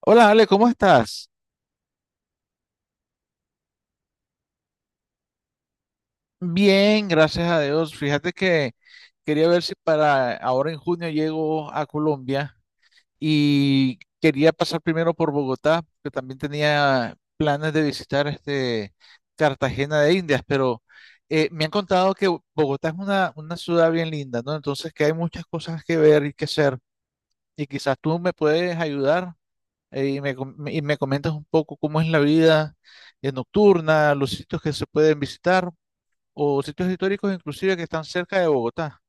Hola Ale, ¿cómo estás? Bien, gracias a Dios. Fíjate que quería ver si para ahora en junio llego a Colombia y quería pasar primero por Bogotá, que también tenía planes de visitar este Cartagena de Indias, pero me han contado que Bogotá es una ciudad bien linda, ¿no? Entonces que hay muchas cosas que ver y que hacer y quizás tú me puedes ayudar y me comentas un poco cómo es la vida nocturna, los sitios que se pueden visitar. O sitios históricos inclusive que están cerca de Bogotá.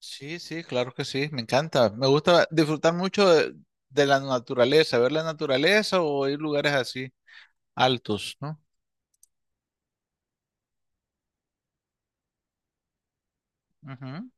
Sí, sí, claro que sí, me encanta. Me gusta disfrutar mucho de la naturaleza, ver la naturaleza o ir lugares así altos, ¿no? Ujú.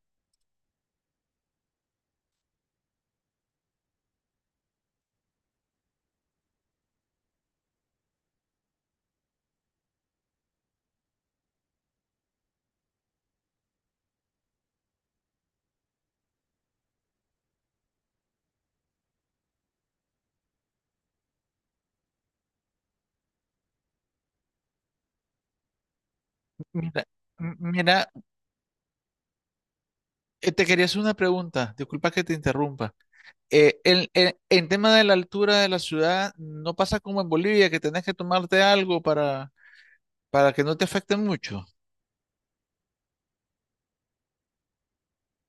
Mira, mira, te quería hacer una pregunta, disculpa que te interrumpa. En tema de la altura de la ciudad, ¿no pasa como en Bolivia que tenés que tomarte algo para que no te afecte mucho?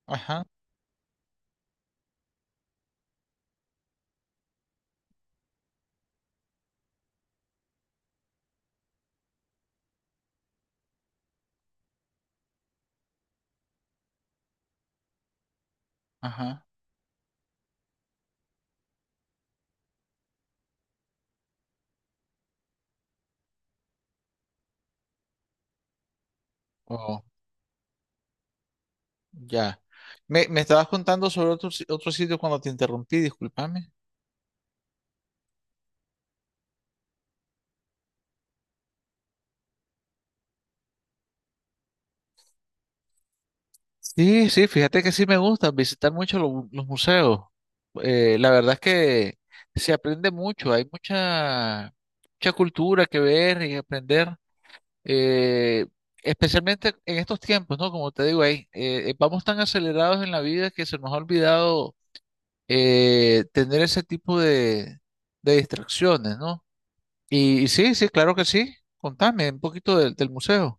Ajá, ajá. Ya. Me estabas contando sobre otro, otro sitio cuando te interrumpí, discúlpame. Sí, sí, fíjate que sí me gusta visitar mucho los museos. La verdad es que se aprende mucho, hay mucha cultura que ver y aprender, eh, especialmente en estos tiempos, ¿no? Como te digo, ahí, vamos tan acelerados en la vida que se nos ha olvidado tener ese tipo de distracciones, ¿no? Y sí, sí, claro que sí. Contame un poquito del museo.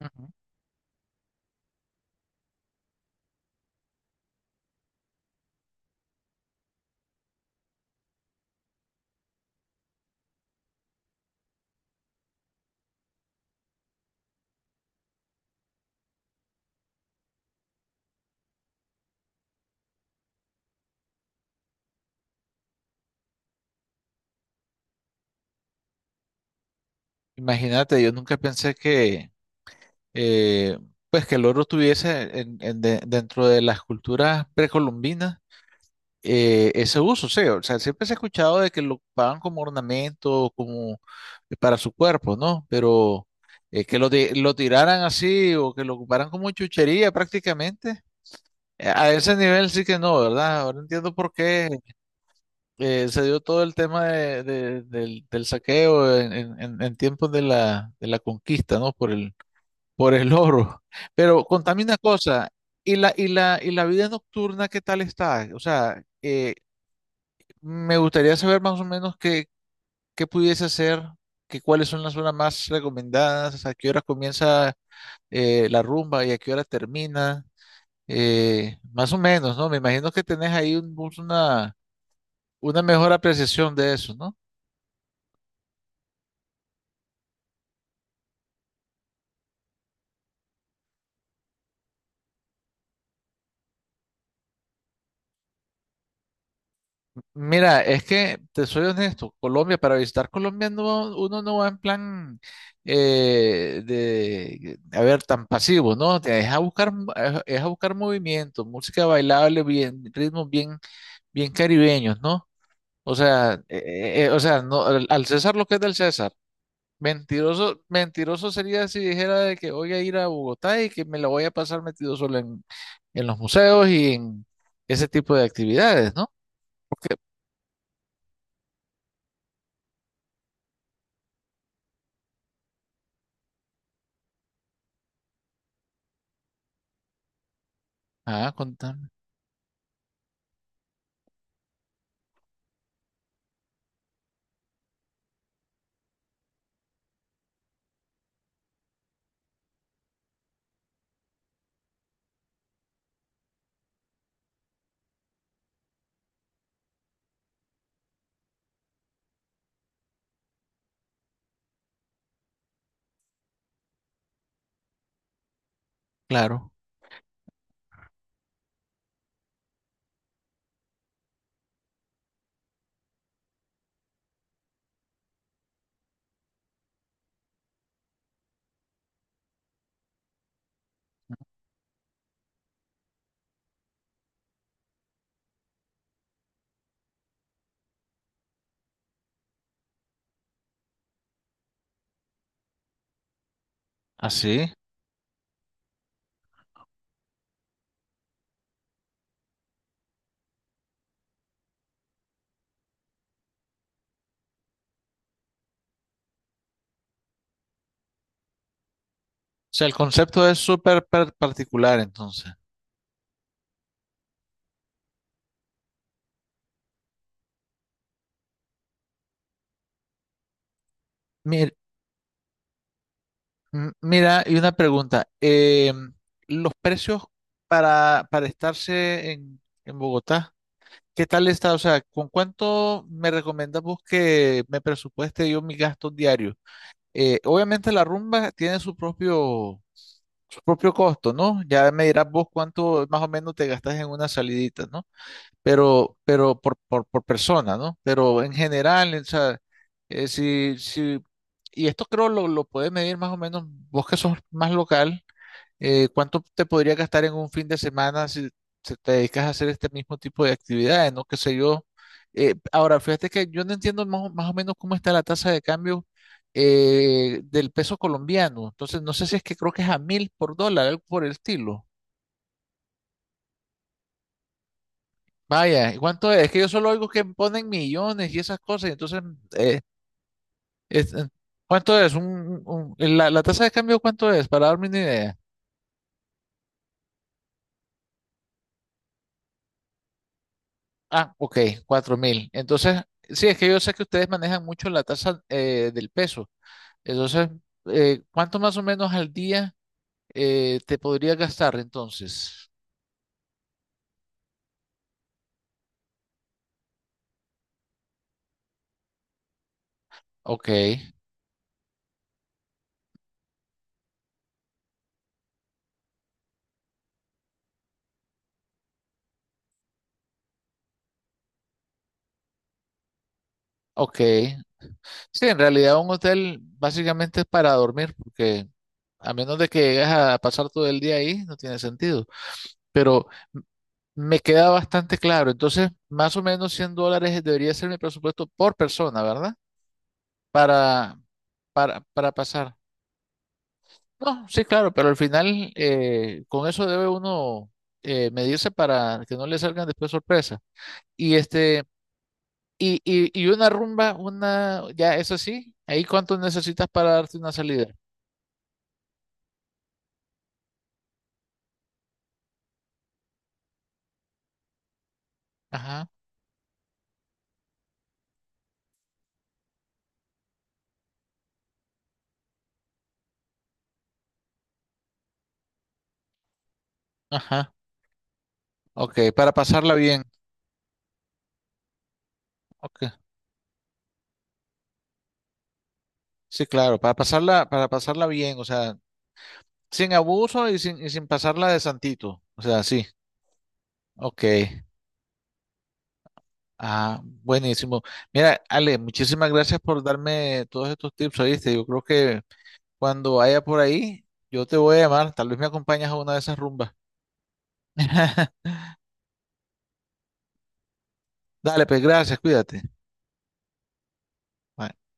Ujú. Imagínate, yo nunca pensé que, eh, pues que el oro tuviese dentro de las culturas precolombinas ese uso. Sí, o sea, siempre se ha escuchado de que lo ocupaban como ornamento, como para su cuerpo, ¿no? Pero que lo tiraran así o que lo ocuparan como chuchería prácticamente, a ese nivel sí que no, ¿verdad? Ahora entiendo por qué. Se dio todo el tema del saqueo en tiempos de la conquista, ¿no? Por el oro. Pero contame una cosa, ¿y la vida nocturna qué tal está? O sea, me gustaría saber más o menos qué, pudiese hacer, cuáles son las zonas más recomendadas, a qué hora comienza la rumba y a qué hora termina. Más o menos, ¿no? Me imagino que tenés ahí una mejor apreciación de eso, ¿no? Mira, es que te soy honesto, Colombia, para visitar Colombia no, uno no va en plan de, a ver, tan pasivo, ¿no? Es a buscar, es a buscar movimiento, música bailable, bien, ritmos bien, bien caribeños, ¿no? O sea, no, al César lo que es del César. Mentiroso, mentiroso sería si dijera de que voy a ir a Bogotá y que me la voy a pasar metido solo en los museos y en ese tipo de actividades, ¿no? Ah, contame. Claro, así. O sea, el concepto es súper particular, entonces. Mir- Mira, y una pregunta. Los precios para, estarse en Bogotá, ¿qué tal está? O sea, ¿con cuánto me recomiendas vos que me presupueste yo mis gastos diarios? Obviamente la rumba tiene su propio costo, ¿no? Ya me dirás vos cuánto más o menos te gastas en una salidita, ¿no? Pero por persona, ¿no? Pero en general, o sea, si, si, y esto creo lo puedes medir más o menos, vos que sos más local, ¿cuánto te podría gastar en un fin de semana si te dedicas a hacer este mismo tipo de actividades, ¿no? Qué sé yo. Ahora, fíjate que yo no entiendo más, o más o menos cómo está la tasa de cambio del peso colombiano. Entonces, no sé si es que creo que es a mil por dólar, algo por el estilo. Vaya, ¿y cuánto es? Es que yo solo oigo que ponen millones y esas cosas, y eh, es- eh, ¿cuánto es? La tasa de cambio, ¿cuánto es? Para darme una idea. Ah, ok, 4.000. Entonces, sí, es que yo sé que ustedes manejan mucho la tasa del peso. Entonces, ¿cuánto más o menos al día te podría gastar entonces? Ok, ok. Sí, en realidad un hotel básicamente es para dormir, porque a menos de que llegues a pasar todo el día ahí, no tiene sentido. Pero me queda bastante claro. Entonces, más o menos $100 debería ser mi presupuesto por persona, ¿verdad? Para, para pasar. No, sí, claro, pero al final con eso debe uno medirse para que no le salgan después sorpresas. Y este, y una rumba, una, ya, eso sí, ahí cuánto necesitas para darte una salida. Ajá, ajá. Ok, para pasarla bien. Ok, sí, claro, para pasarla, bien, o sea, sin abuso y sin pasarla de santito. O sea, sí. Ok. Ah, buenísimo. Mira, Ale, muchísimas gracias por darme todos estos tips, ¿oíste? Yo creo que cuando vaya por ahí, yo te voy a llamar. Tal vez me acompañas a una de esas rumbas. Dale, pues gracias, cuídate. Bye.